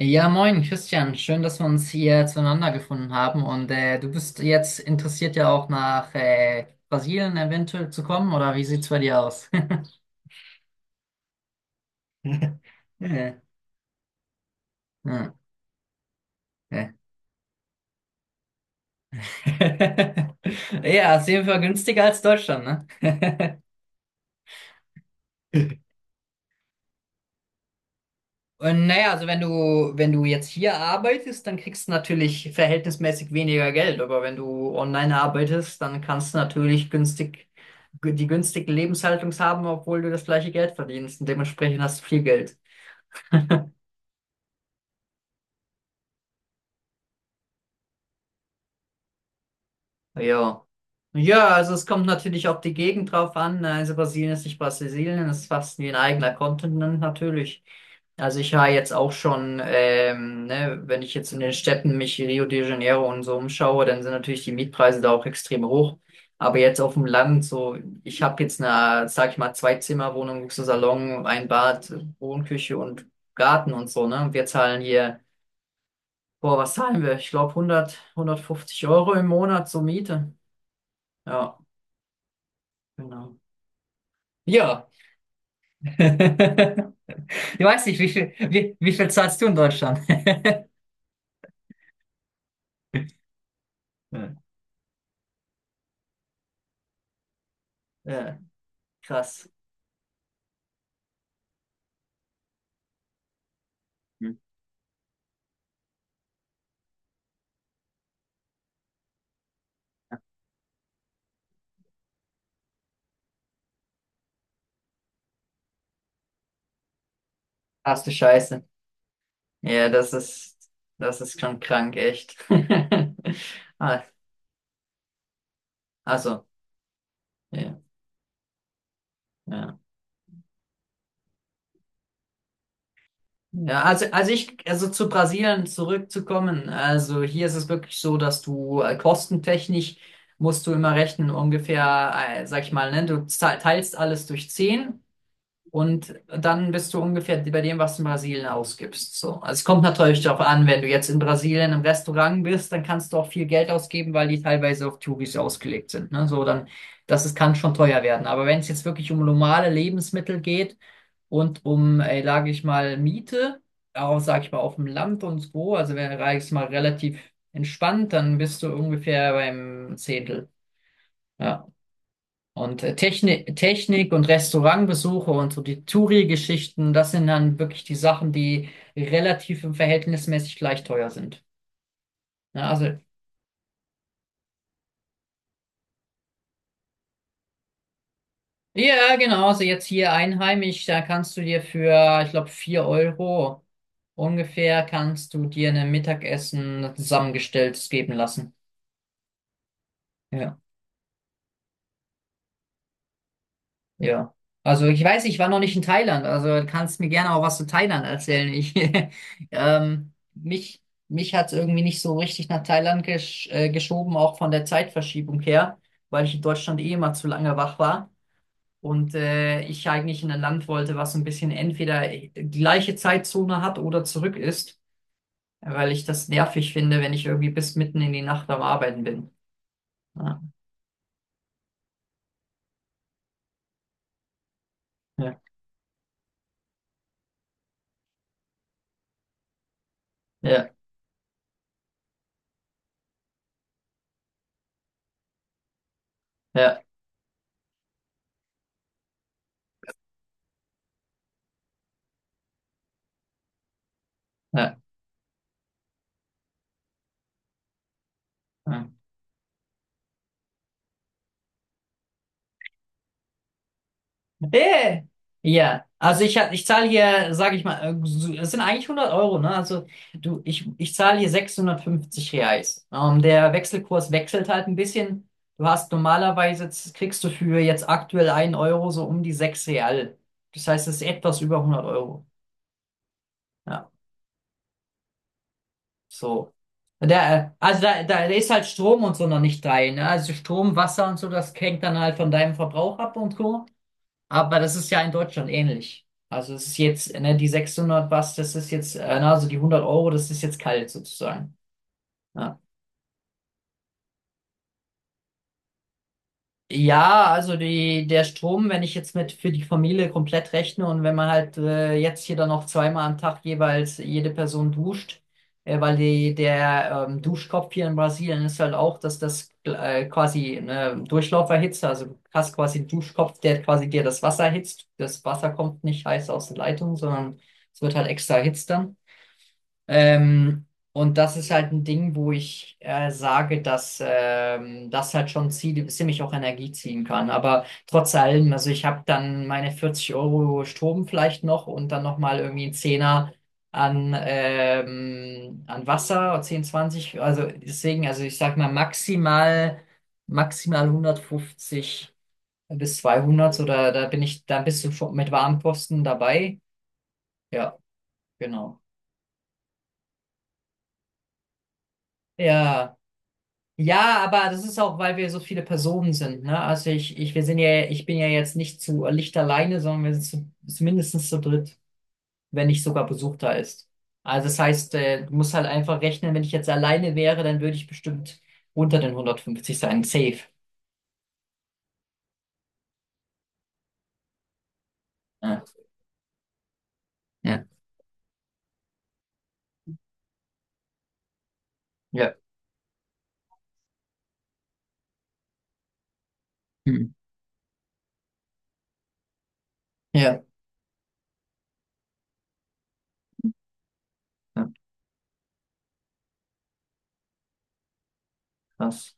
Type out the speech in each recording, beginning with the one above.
Ja, moin, Christian. Schön, dass wir uns hier zueinander gefunden haben. Und du bist jetzt interessiert ja auch nach Brasilien eventuell zu kommen, oder wie sieht's bei dir aus? Ja, ja. Ja. Ja, ist auf jeden Fall günstiger als Deutschland, ne? Und naja, wenn du jetzt hier arbeitest, dann kriegst du natürlich verhältnismäßig weniger Geld. Aber wenn du online arbeitest, dann kannst du die günstigen Lebenshaltungs haben, obwohl du das gleiche Geld verdienst. Und dementsprechend hast du viel Geld. Ja. Ja, also es kommt natürlich auf die Gegend drauf an. Also Brasilien ist nicht Brasilien, es ist fast wie ein eigener Kontinent natürlich. Also ich war jetzt auch schon, ne, wenn ich jetzt in den Städten mich Rio de Janeiro und so umschaue, dann sind natürlich die Mietpreise da auch extrem hoch. Aber jetzt auf dem Land, so, ich habe jetzt eine, sag ich mal, Zwei-Zimmer-Wohnung, Luxussalon, ein Bad, Wohnküche und Garten und so, ne? Und wir zahlen hier, boah, was zahlen wir? Ich glaube 100, 150 € im Monat zur Miete. Ja. Genau. Ja. Ich weiß nicht, wie viel zahlst du in Deutschland? Hm. Ja, krass. Hm. Hast du Scheiße. Ja, das ist, das ist schon krank, echt. Ah, Also, ja, ja. Also zu Brasilien zurückzukommen, also hier ist es wirklich so, dass du kostentechnisch musst du immer rechnen, ungefähr, sag ich mal, ne, teilst alles durch 10. Und dann bist du ungefähr bei dem, was du in Brasilien ausgibst. So. Also es kommt natürlich darauf an, wenn du jetzt in Brasilien im Restaurant bist, dann kannst du auch viel Geld ausgeben, weil die teilweise auf Touris ausgelegt sind. Ne? Kann schon teuer werden. Aber wenn es jetzt wirklich um normale Lebensmittel geht und um, sage ich mal, Miete, auch, sage ich mal, auf dem Land und so, also wenn, sage ich mal, relativ entspannt, dann bist du ungefähr beim Zehntel. Ja. Und Technik und Restaurantbesuche und so die Touri-Geschichten, das sind dann wirklich die Sachen, die relativ und verhältnismäßig gleich teuer sind. Ja, also, ja, genau, also jetzt hier einheimisch, da kannst du dir für, ich glaube, 4 € ungefähr, kannst du dir ein Mittagessen zusammengestelltes geben lassen. Ja. Ja. Also ich weiß, ich war noch nicht in Thailand, also du kannst mir gerne auch was zu Thailand erzählen. Ich, ähm, mich mich hat es irgendwie nicht so richtig nach Thailand gesch geschoben, auch von der Zeitverschiebung her, weil ich in Deutschland eh immer zu lange wach war und ich eigentlich in ein Land wollte, was so ein bisschen entweder gleiche Zeitzone hat oder zurück ist, weil ich das nervig finde, wenn ich irgendwie bis mitten in die Nacht am Arbeiten bin. Ja, ja, ja, ja. Ja. Äh, also ich zahle hier, sage ich mal, es sind eigentlich hundert Euro, ne? Also ich zahle hier 650 Reais. Der Wechselkurs wechselt halt ein bisschen. Du hast normalerweise, jetzt kriegst du für jetzt aktuell einen Euro so um die 6 Real. Das heißt, es ist etwas über hundert Euro. Ja, so. Da ist halt Strom und so noch nicht rein. Ne? Also Strom, Wasser und so, das hängt dann halt von deinem Verbrauch ab und so. Aber das ist ja in Deutschland ähnlich. Also es ist jetzt, ne, die 600 was, das ist jetzt, na, also die 100 Euro, das ist jetzt kalt sozusagen. Ja. Ja, also die, der Strom, wenn ich jetzt mit für die Familie komplett rechne und wenn man halt jetzt hier dann noch zweimal am Tag jeweils jede Person duscht, der Duschkopf hier in Brasilien ist halt auch, dass das quasi eine Durchlauferhitze, also du hast quasi einen Duschkopf, der quasi dir das Wasser erhitzt. Das Wasser kommt nicht heiß aus der Leitung, sondern es wird halt extra erhitzt dann. Ähm, und das ist halt ein Ding, wo ich sage, dass das halt schon ziemlich auch Energie ziehen kann. Aber trotz allem, also ich habe dann meine 40 € Strom vielleicht noch und dann nochmal irgendwie einen Zehner an, an Wasser, 10, 20. Also deswegen, also ich sag mal maximal, maximal 150 bis 200 oder da bin ich, da bist du schon mit Warmkosten dabei. Ja, genau. Ja. Ja, aber das ist auch, weil wir so viele Personen sind, ne? Wir sind ja, ich bin ja jetzt nicht zu Licht alleine, sondern wir sind zu mindestens zu dritt, wenn nicht sogar Besuch da ist. Also das heißt, du musst halt einfach rechnen, wenn ich jetzt alleine wäre, dann würde ich bestimmt unter den 150 sein. Safe. Ja. Ja. Ja. Hm. Ja. Ja. Krass.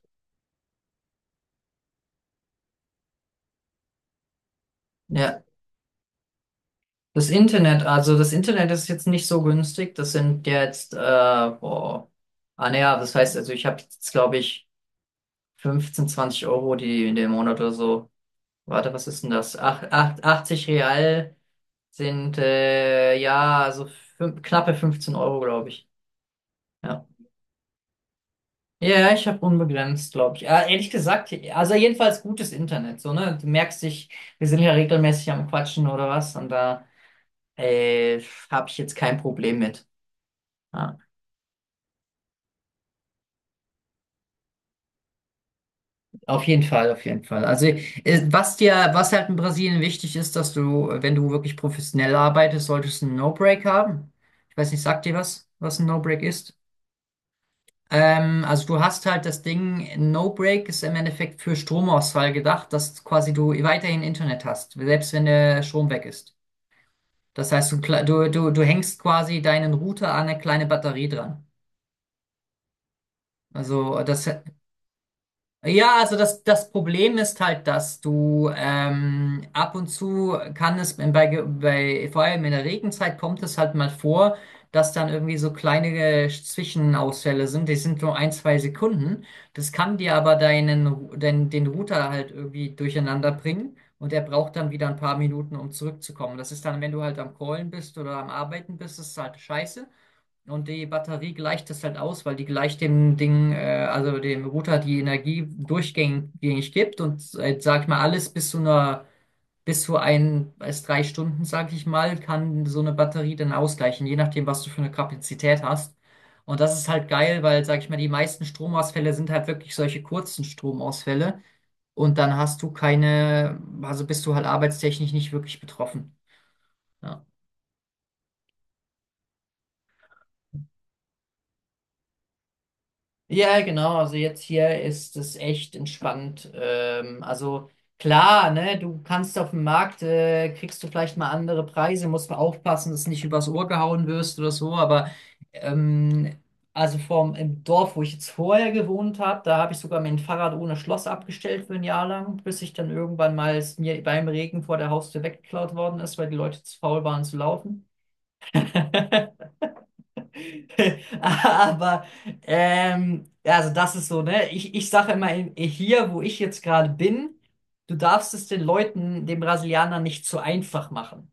Ja. Das Internet, also das Internet ist jetzt nicht so günstig. Boah. Ah, naja, das heißt, also ich habe jetzt, glaube ich, 15, 20 € die in dem Monat oder so. Warte, was ist denn das? Ach, 80 Real sind ja so knappe 15 Euro, glaube ich. Ja. Ja, ich habe unbegrenzt, glaube ich. Ja, ehrlich gesagt, also jedenfalls gutes Internet, so, ne? Du merkst dich, wir sind ja regelmäßig am Quatschen oder was und da äh, habe ich jetzt kein Problem mit. Ja. Auf jeden Fall, auf jeden Fall. Was halt in Brasilien wichtig ist, dass du, wenn du wirklich professionell arbeitest, solltest du einen No-Break haben. Ich weiß nicht, sagt dir was, was ein No-Break ist? Also du hast halt das Ding, No-Break ist im Endeffekt für Stromausfall gedacht, dass quasi du weiterhin Internet hast, selbst wenn der Strom weg ist. Das heißt, du, kle- du hängst quasi deinen Router an eine kleine Batterie dran. Also das das Problem ist halt, dass du ab und zu kann es bei, vor allem in der Regenzeit kommt es halt mal vor, dass dann irgendwie so kleine Zwischenausfälle sind. Die sind nur ein, zwei Sekunden. Das kann dir aber den Router halt irgendwie durcheinander bringen und er braucht dann wieder ein paar Minuten, um zurückzukommen. Das ist dann, wenn du halt am Callen bist oder am Arbeiten bist, ist halt scheiße. Und die Batterie gleicht es halt aus, weil die gleicht also dem Router die Energie durchgängig gibt und sag ich mal, alles bis zu ein, bis drei Stunden, sag ich mal, kann so eine Batterie dann ausgleichen, je nachdem, was du für eine Kapazität hast. Und das ist halt geil, weil, sag ich mal, die meisten Stromausfälle sind halt wirklich solche kurzen Stromausfälle und dann hast du keine, also bist du halt arbeitstechnisch nicht wirklich betroffen. Ja. Ja, genau. Also jetzt hier ist es echt entspannt. Klar, ne, du kannst auf dem Markt, kriegst du vielleicht mal andere Preise, musst mal aufpassen, dass du nicht übers Ohr gehauen wirst oder so. Aber ähm, also vom im Dorf, wo ich jetzt vorher gewohnt habe, da habe ich sogar mein Fahrrad ohne Schloss abgestellt für ein Jahr lang, bis ich dann irgendwann mal es mir beim Regen vor der Haustür weggeklaut worden ist, weil die Leute zu faul waren zu laufen. Aber ja, also das ist so, ne? Ich sage immer hier, wo ich jetzt gerade bin, du darfst es den Leuten, den Brasilianern nicht zu einfach machen.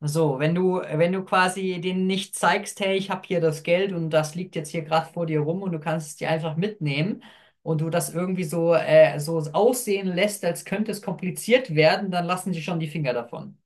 So, wenn du quasi denen nicht zeigst, hey, ich habe hier das Geld und das liegt jetzt hier gerade vor dir rum und du kannst es dir einfach mitnehmen und du das irgendwie so, so aussehen lässt, als könnte es kompliziert werden, dann lassen sie schon die Finger davon.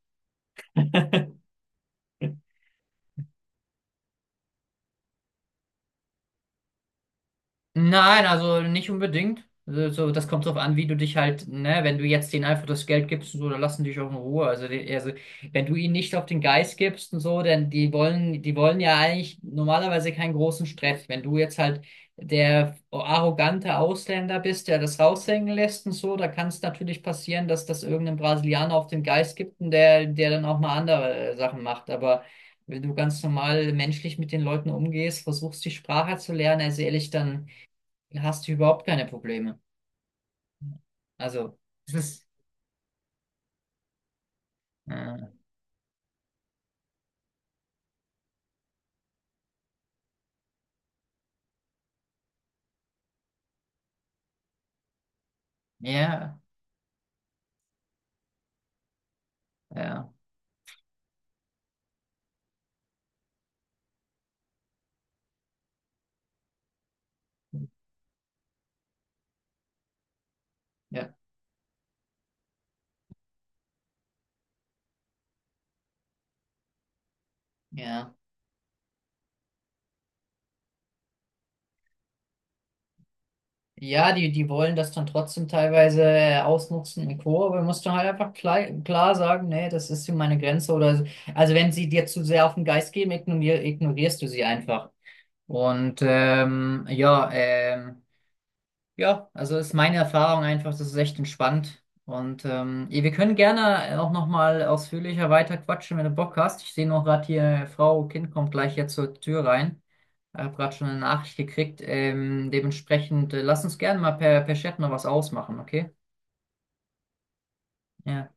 Nein, also nicht unbedingt. Das kommt drauf an, wie du dich halt, ne, wenn du jetzt denen einfach das Geld gibst und so, dann lassen die dich auch in Ruhe. Also wenn du ihnen nicht auf den Geist gibst und so, denn die wollen ja eigentlich normalerweise keinen großen Stress. Wenn du jetzt halt der arrogante Ausländer bist, der das raushängen lässt und so, da kann es natürlich passieren, dass das irgendein Brasilianer auf den Geist gibt und der dann auch mal andere Sachen macht. Aber wenn du ganz normal menschlich mit den Leuten umgehst, versuchst die Sprache zu lernen, also ehrlich, dann hast du überhaupt keine Probleme. Also, es ist, äh, ja, ja, ja, ja. Ja, die, die wollen das dann trotzdem teilweise ausnutzen und Co., aber musst du halt einfach klar sagen, nee, das ist hier meine Grenze oder so. Also wenn sie dir zu sehr auf den Geist gehen, ignorierst du sie einfach. Und ähm, ja, ähm, Ja, also ist meine Erfahrung einfach, das ist echt entspannt. Und wir können gerne auch nochmal ausführlicher weiter quatschen, wenn du Bock hast. Ich sehe noch gerade hier, Frau Kind kommt gleich jetzt zur Tür rein. Ich habe gerade schon eine Nachricht gekriegt. Dementsprechend, lass uns gerne mal per Chat noch was ausmachen, okay? Ja,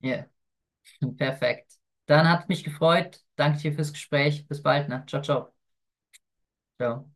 ja. Perfekt. Dann hat mich gefreut. Danke dir fürs Gespräch. Bis bald, ne? Ciao, ciao. Ciao.